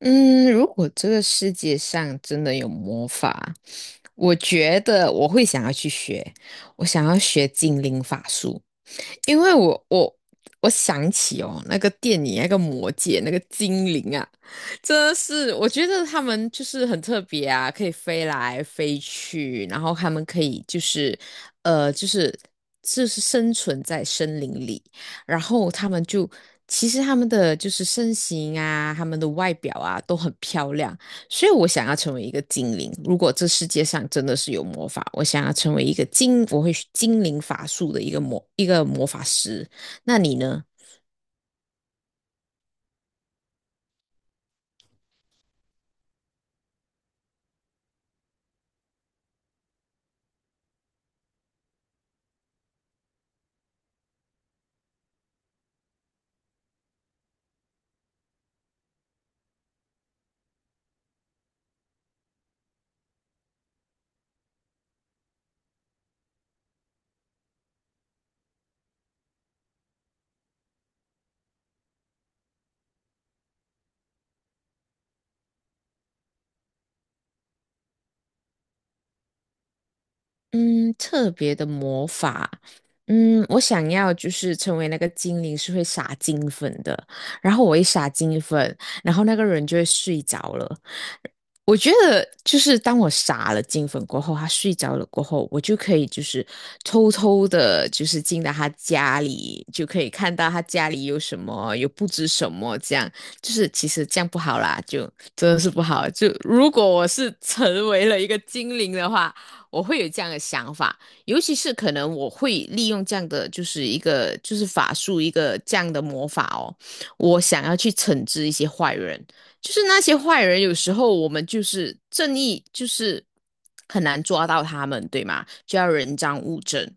嗯，如果这个世界上真的有魔法，我觉得我会想要去学，我想要学精灵法术。因为我想起哦，那个电影那个魔戒那个精灵啊，真的是我觉得他们就是很特别啊，可以飞来飞去，然后他们可以呃就是就是生存在森林里，然后他们就其实他们的就是身形啊，他们的外表啊都很漂亮，所以我想要成为一个精灵。如果这世界上真的是有魔法，我想要成为一个精，我会精灵法术的一个一个魔法师。那你呢？嗯，特别的魔法。嗯，我想要就是成为那个精灵，是会撒金粉的。然后我一撒金粉，然后那个人就会睡着了。我觉得就是当我撒了金粉过后，他睡着了过后，我就可以就是偷偷的，就是进到他家里，就可以看到他家里有什么，有布置什么，这样就是其实这样不好啦，就真的是不好。就如果我是成为了一个精灵的话。我会有这样的想法，尤其是可能我会利用这样的就是一个就是法术这样的魔法哦，我想要去惩治一些坏人，就是那些坏人有时候我们就是正义就是很难抓到他们，对吗？就要人赃物证，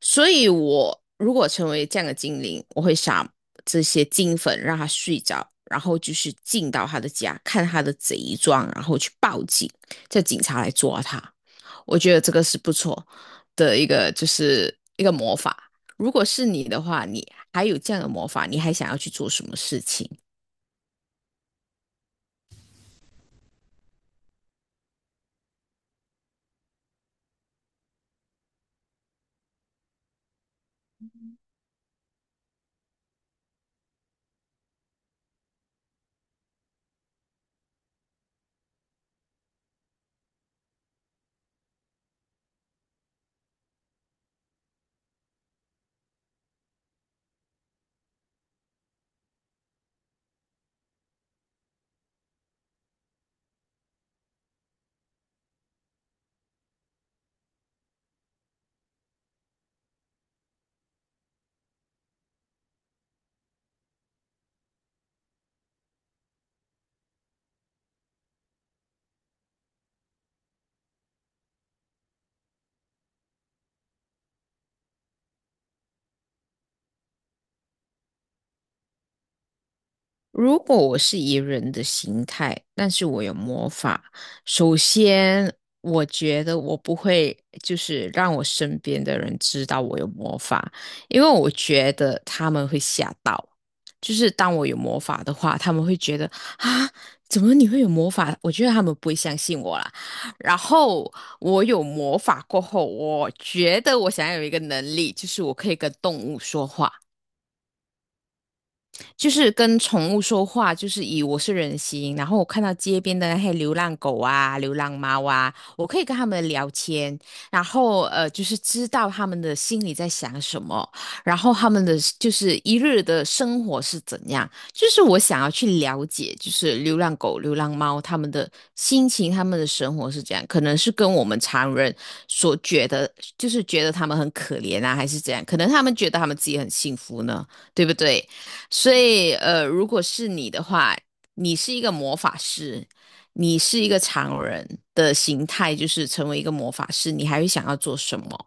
所以我如果成为这样的精灵，我会想这些金粉让他睡着。然后就是进到他的家，看他的贼状，然后去报警，叫警察来抓他。我觉得这个是不错的一个，就是一个魔法。如果是你的话，你还有这样的魔法，你还想要去做什么事情？如果我是以人的形态，但是我有魔法，首先我觉得我不会就是让我身边的人知道我有魔法，因为我觉得他们会吓到。就是当我有魔法的话，他们会觉得啊，怎么你会有魔法？我觉得他们不会相信我啦。然后我有魔法过后，我觉得我想要有一个能力，就是我可以跟动物说话。就是跟宠物说话，就是以我是人形，然后我看到街边的那些流浪狗啊、流浪猫啊，我可以跟他们聊天，然后就是知道他们的心里在想什么，然后他们的就是一日的生活是怎样，就是我想要去了解，就是流浪狗、流浪猫他们的心情、他们的生活是怎样，可能是跟我们常人所觉得，就是觉得他们很可怜啊，还是怎样，可能他们觉得他们自己很幸福呢，对不对？所以，如果是你的话，你是一个魔法师，你是一个常人的形态，就是成为一个魔法师，你还会想要做什么？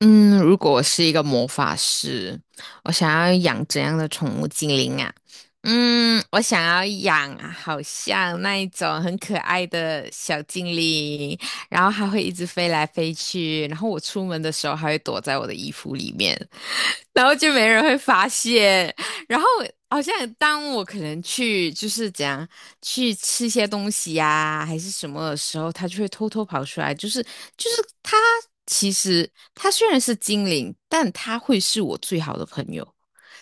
嗯，如果我是一个魔法师，我想要养怎样的宠物精灵啊？嗯，我想要养啊好像那一种很可爱的小精灵，然后它会一直飞来飞去，然后我出门的时候还会躲在我的衣服里面，然后就没人会发现。然后好像当我可能去就是怎样去吃些东西呀、还是什么的时候，它就会偷偷跑出来。就是它其实它虽然是精灵，但它会是我最好的朋友。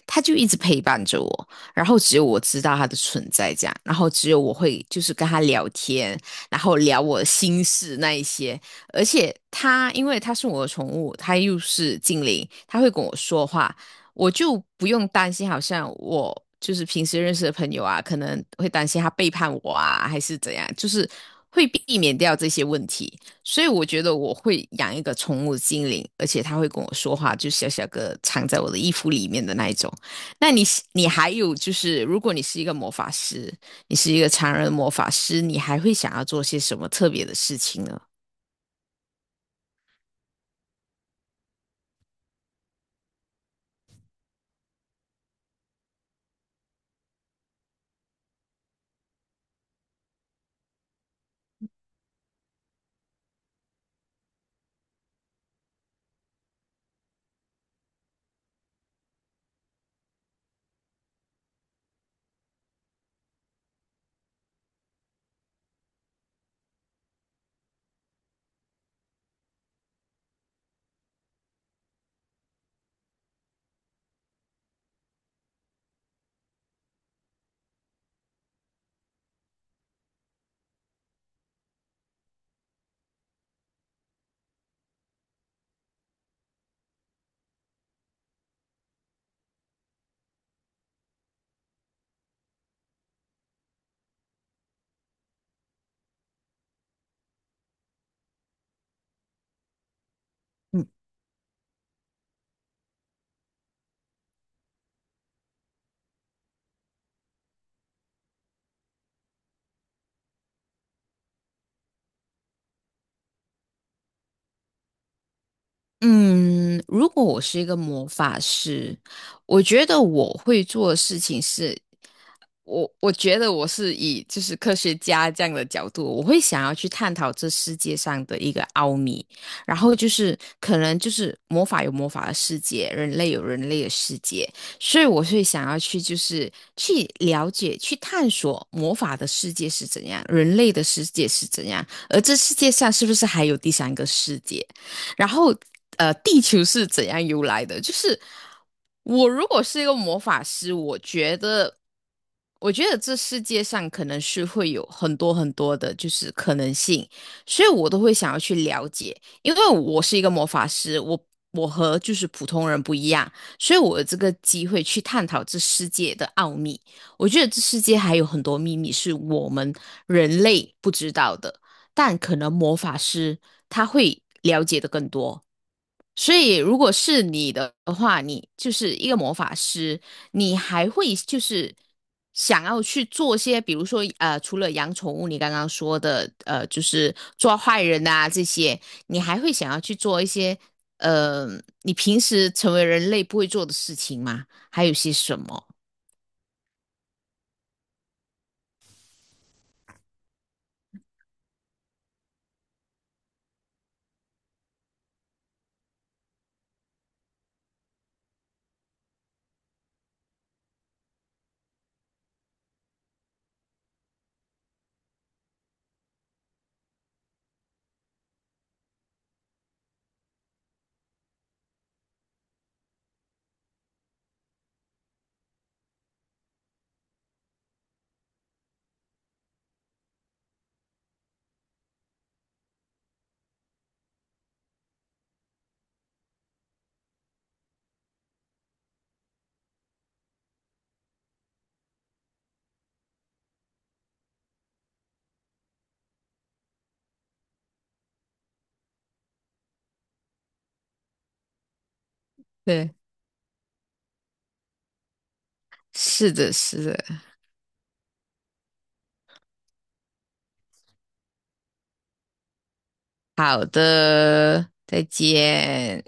他就一直陪伴着我，然后只有我知道他的存在，这样，然后只有我会就是跟他聊天，然后聊我的心事那一些，而且他因为他是我的宠物，他又是精灵，他会跟我说话，我就不用担心，好像我就是平时认识的朋友啊，可能会担心他背叛我啊，还是怎样，就是会避免掉这些问题。所以我觉得我会养一个宠物精灵，而且他会跟我说话，就小小个藏在我的衣服里面的那一种。那你是你还有就是，如果你是一个魔法师，你是一个常人魔法师，你还会想要做些什么特别的事情呢？嗯，如果我是一个魔法师，我觉得我会做的事情是我觉得我是以就是科学家这样的角度，我会想要去探讨这世界上的一个奥秘，然后就是可能就是魔法有魔法的世界，人类有人类的世界，所以我会想要去就是去了解、去探索魔法的世界是怎样，人类的世界是怎样，而这世界上是不是还有第三个世界？然后，地球是怎样由来的？就是我如果是一个魔法师，我觉得，我觉得这世界上可能是会有很多很多的，就是可能性，所以我都会想要去了解，因为我是一个魔法师，我和就是普通人不一样，所以我有这个机会去探讨这世界的奥秘。我觉得这世界还有很多秘密是我们人类不知道的。但可能魔法师他会了解的更多。所以，如果是你的话，你就是一个魔法师，你还会就是想要去做些，比如说除了养宠物，你刚刚说的就是抓坏人啊这些，你还会想要去做一些呃，你平时成为人类不会做的事情吗？还有些什么？对，是的，是的。好的，再见。